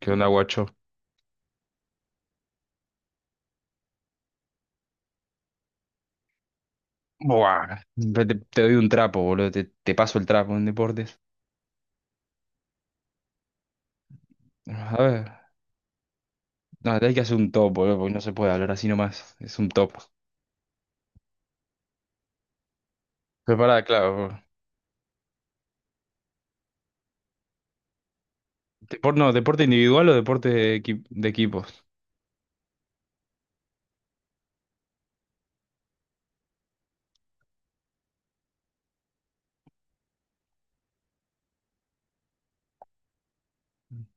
¿Qué onda, guacho? Buah, te doy un trapo, boludo. Te paso el trapo en deportes. A ver, no, te hay que hacer un top, boludo, porque no se puede hablar así nomás. Es un top. Pero pará, claro. No, ¿deporte individual o deporte de equipos?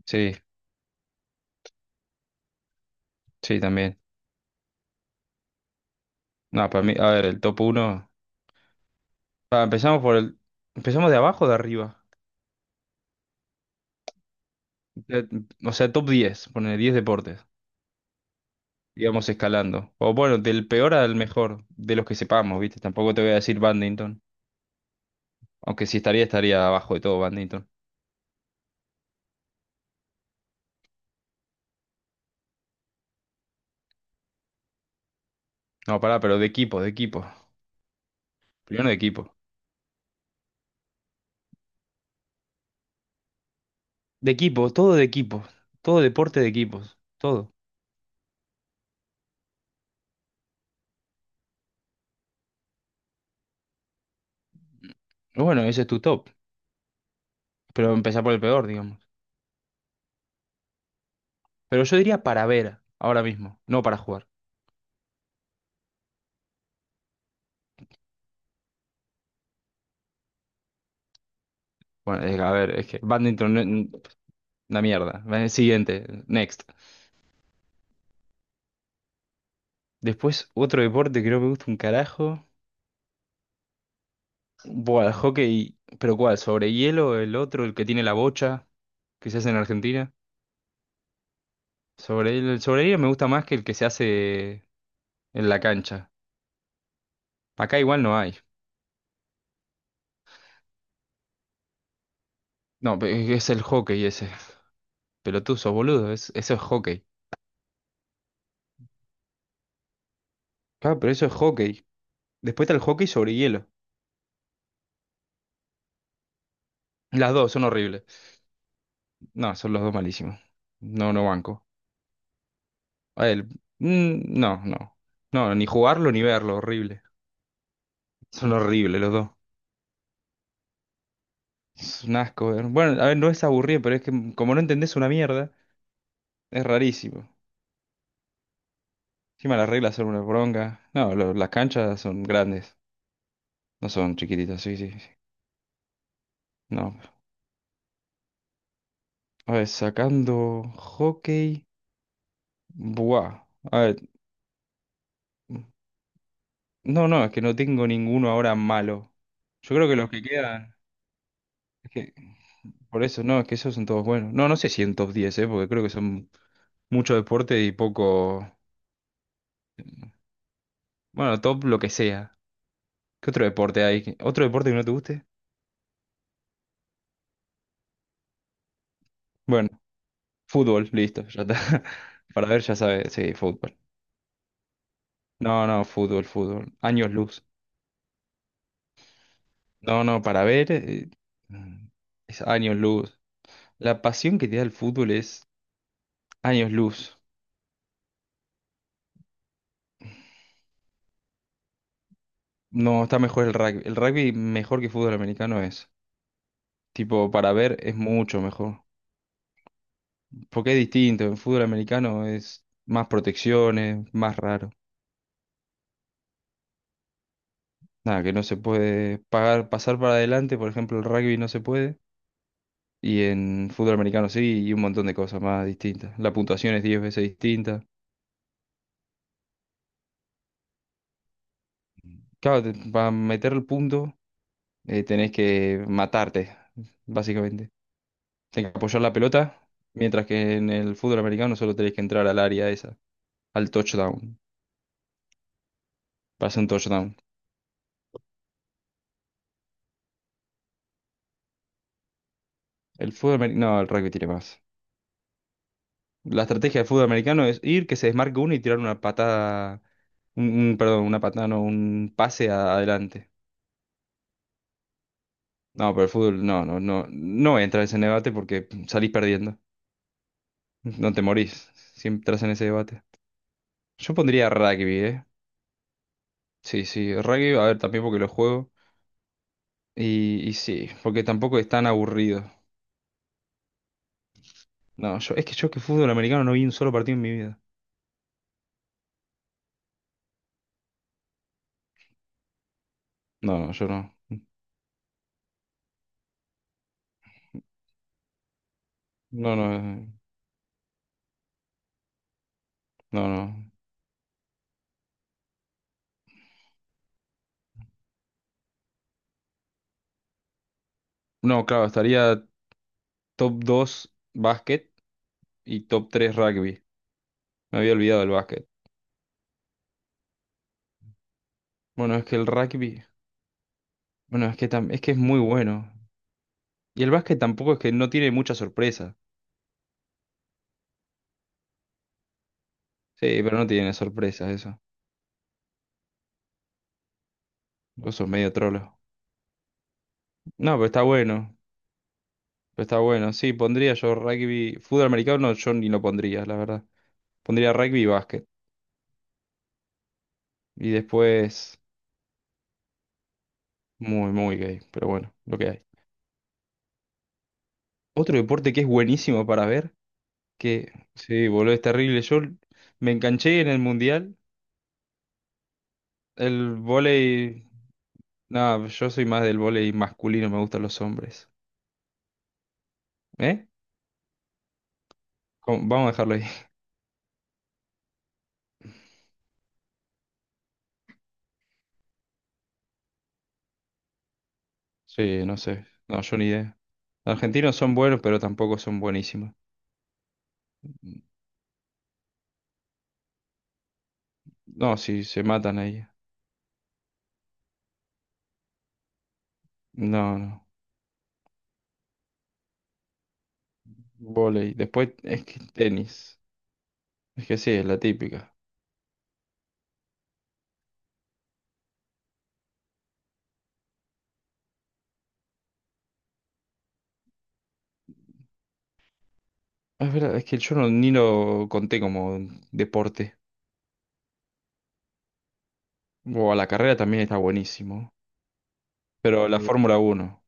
Sí, sí, también. No, para mí, a ver, el top 1. Empezamos por el. Empezamos de abajo o de arriba. De- o sea, top 10, poner 10 deportes. Digamos escalando. O bueno, del peor al mejor, de los que sepamos, ¿viste? Tampoco te voy a decir badminton. Aunque si estaría abajo de todo. No, pará, pero de equipo, de equipo. Primero de equipo. De equipo. Todo deporte de equipos. Todo. Bueno, ese es tu top. Pero empezar por el peor, digamos. Pero yo diría para ver, ahora mismo, no para jugar. Bueno, a ver, es que badminton, una mierda. Va, siguiente, next. Después, otro deporte que no me gusta un carajo. Buah, el hockey. ¿Pero cuál? ¿Sobre hielo? ¿El otro, el que tiene la bocha, que se hace en Argentina? Sobre hielo, el sobre hielo me gusta más que el que se hace en la cancha. Acá igual no hay. No, es el hockey ese. Pelotuzo, boludo. Eso es hockey. Ah, pero eso es hockey. Después está el hockey sobre hielo. Las dos son horribles. No, son los dos malísimos. No, no banco. A él. Mm, no, no. No, ni jugarlo ni verlo. Horrible. Son horribles los dos. Es un asco ver. Bueno, a ver, no es aburrido, pero es que como no entendés una mierda, es rarísimo. Encima las reglas son una bronca. No, las canchas son grandes. No son chiquititas, sí, sí, sí. No. A ver, sacando hockey. Buah. A ver. No, no, es que no tengo ninguno ahora malo. Yo creo que los que quedan. Es que, por eso, no, es que esos son todos buenos. No, no sé si en top 10, ¿eh? Porque creo que son mucho deporte y poco. Bueno, top lo que sea. ¿Qué otro deporte hay? ¿Otro deporte que no te guste? Bueno, fútbol, listo, ya está. Para ver, ya sabes. Sí, fútbol. No, no, fútbol, fútbol. Años luz. No, no, para ver. Es años luz. La pasión que te da el fútbol es años luz. No, está mejor el rugby. El rugby mejor que fútbol americano es. Tipo, para ver es mucho mejor. Porque es distinto. En fútbol americano es más protecciones, más raro. Nada, que no se puede pasar para adelante, por ejemplo, el rugby no se puede. Y en fútbol americano sí, y un montón de cosas más distintas. La puntuación es 10 veces distinta. Claro, para meter el punto, tenés que matarte, básicamente. Tenés que apoyar la pelota, mientras que en el fútbol americano solo tenés que entrar al área esa, al touchdown. Pasó un touchdown. El fútbol americano. No, el rugby tiene más. La estrategia del fútbol americano es ir, que se desmarque uno y tirar una patada. Perdón, una patada, no, un pase adelante. No, pero el fútbol no entra en ese debate porque salís perdiendo. No te morís. Si entras en ese debate. Yo pondría rugby, ¿eh? Sí, sí, rugby, a ver, también porque lo juego. Y sí, porque tampoco es tan aburrido. No, yo, es que yo que fútbol americano no vi un solo partido en mi vida. No, no, yo no. No, no, no, no. No, claro, estaría top 2 básquet y top 3 rugby. Me había olvidado el básquet. Bueno, es que el rugby, bueno, es que es muy bueno. Y el básquet tampoco es que no tiene mucha sorpresa. Sí, pero no tiene sorpresas eso. Vos sos medio trolo. No, pero está bueno. Pero está bueno. Sí, pondría yo rugby. Fútbol americano no, yo ni lo pondría, la verdad. Pondría rugby y básquet. Y después, muy, muy gay. Pero bueno, lo que hay. Otro deporte que es buenísimo para ver. Que sí, boludo, es terrible. Yo me enganché en el mundial. El vóley. No, yo soy más del vóley masculino, me gustan los hombres. ¿Eh? ¿Cómo? Vamos a dejarlo ahí. Sí, no sé. No, yo ni idea. Los argentinos son buenos, pero tampoco son buenísimos. No, sí, se matan ahí. No, no. Vóley. Después es que tenis. Es que sí, es la típica. Es verdad, es que yo no, ni lo conté como deporte. O a la carrera también está buenísimo. Pero la Sí. Fórmula uno.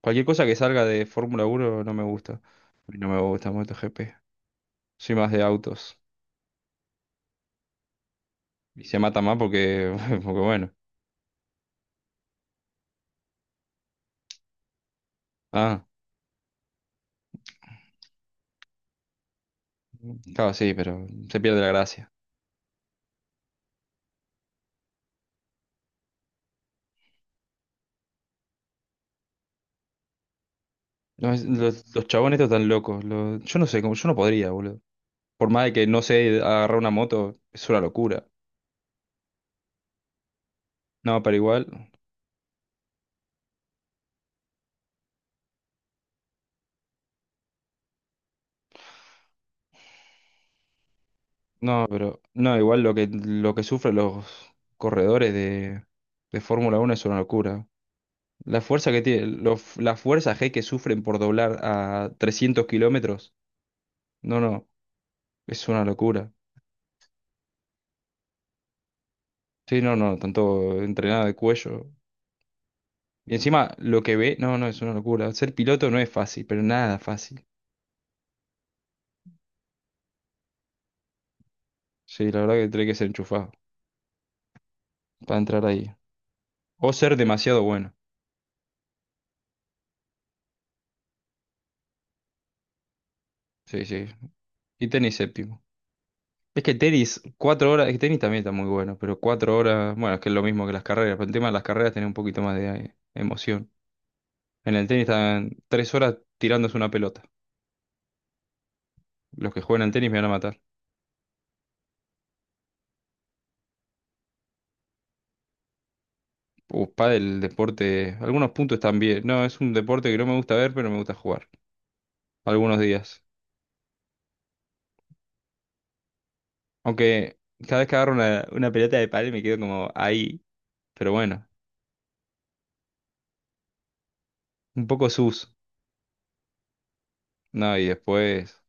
Cualquier cosa que salga de Fórmula uno no me gusta. Y no me gusta MotoGP. Soy más de autos. Y se mata más porque, porque bueno. Ah, claro, sí, pero se pierde la gracia. No, los chabones estos están locos. Yo no sé, yo no podría, boludo. Por más de que no sé agarrar una moto, es una locura. No, pero igual, no, pero no, igual lo que sufren los corredores de Fórmula uno es una locura. La fuerza que tiene, la fuerza G que sufren por doblar a 300 kilómetros. No, no, es una locura. Sí, no, no, tanto entrenada de cuello. Y encima, lo que ve, no, no, es una locura. Ser piloto no es fácil, pero nada fácil. Sí, la verdad que tiene que ser enchufado para entrar ahí. O ser demasiado bueno. Sí, sí. Y tenis séptimo. Es que tenis, 4 horas, es que tenis también está muy bueno, pero 4 horas, bueno, es que es lo mismo que las carreras, pero el tema de las carreras tiene un poquito más de emoción. En el tenis están 3 horas tirándose una pelota. Los que juegan al tenis me van a matar. Pádel, deporte. Algunos puntos también. No, es un deporte que no me gusta ver, pero me gusta jugar. Algunos días. Aunque cada vez que agarro una pelota de pádel me quedo como ahí. Pero bueno, un poco sus. No, y después.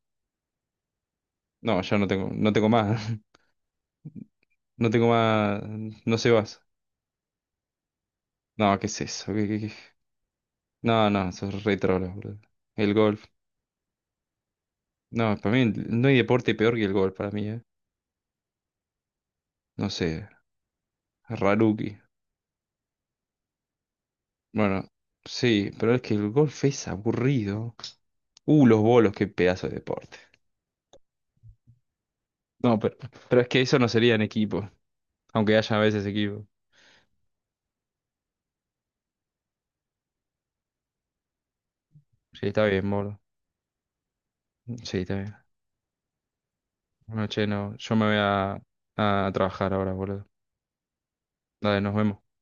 No, ya no tengo más. No tengo más. No sé más. No, ¿qué es eso? Qué? No, no, sos re trolo, boludo. El golf. No, para mí no hay deporte peor que el golf, para mí, ¿eh? No sé. Raruki. Bueno, sí, pero es que el golf es aburrido. Los bolos, qué pedazo de deporte. No, pero es que eso no sería en equipo, aunque haya a veces equipo. Sí, está bien, boludo. Sí, está bien. Bueno, che, no, yo me voy a trabajar ahora, boludo. Dale, nos vemos.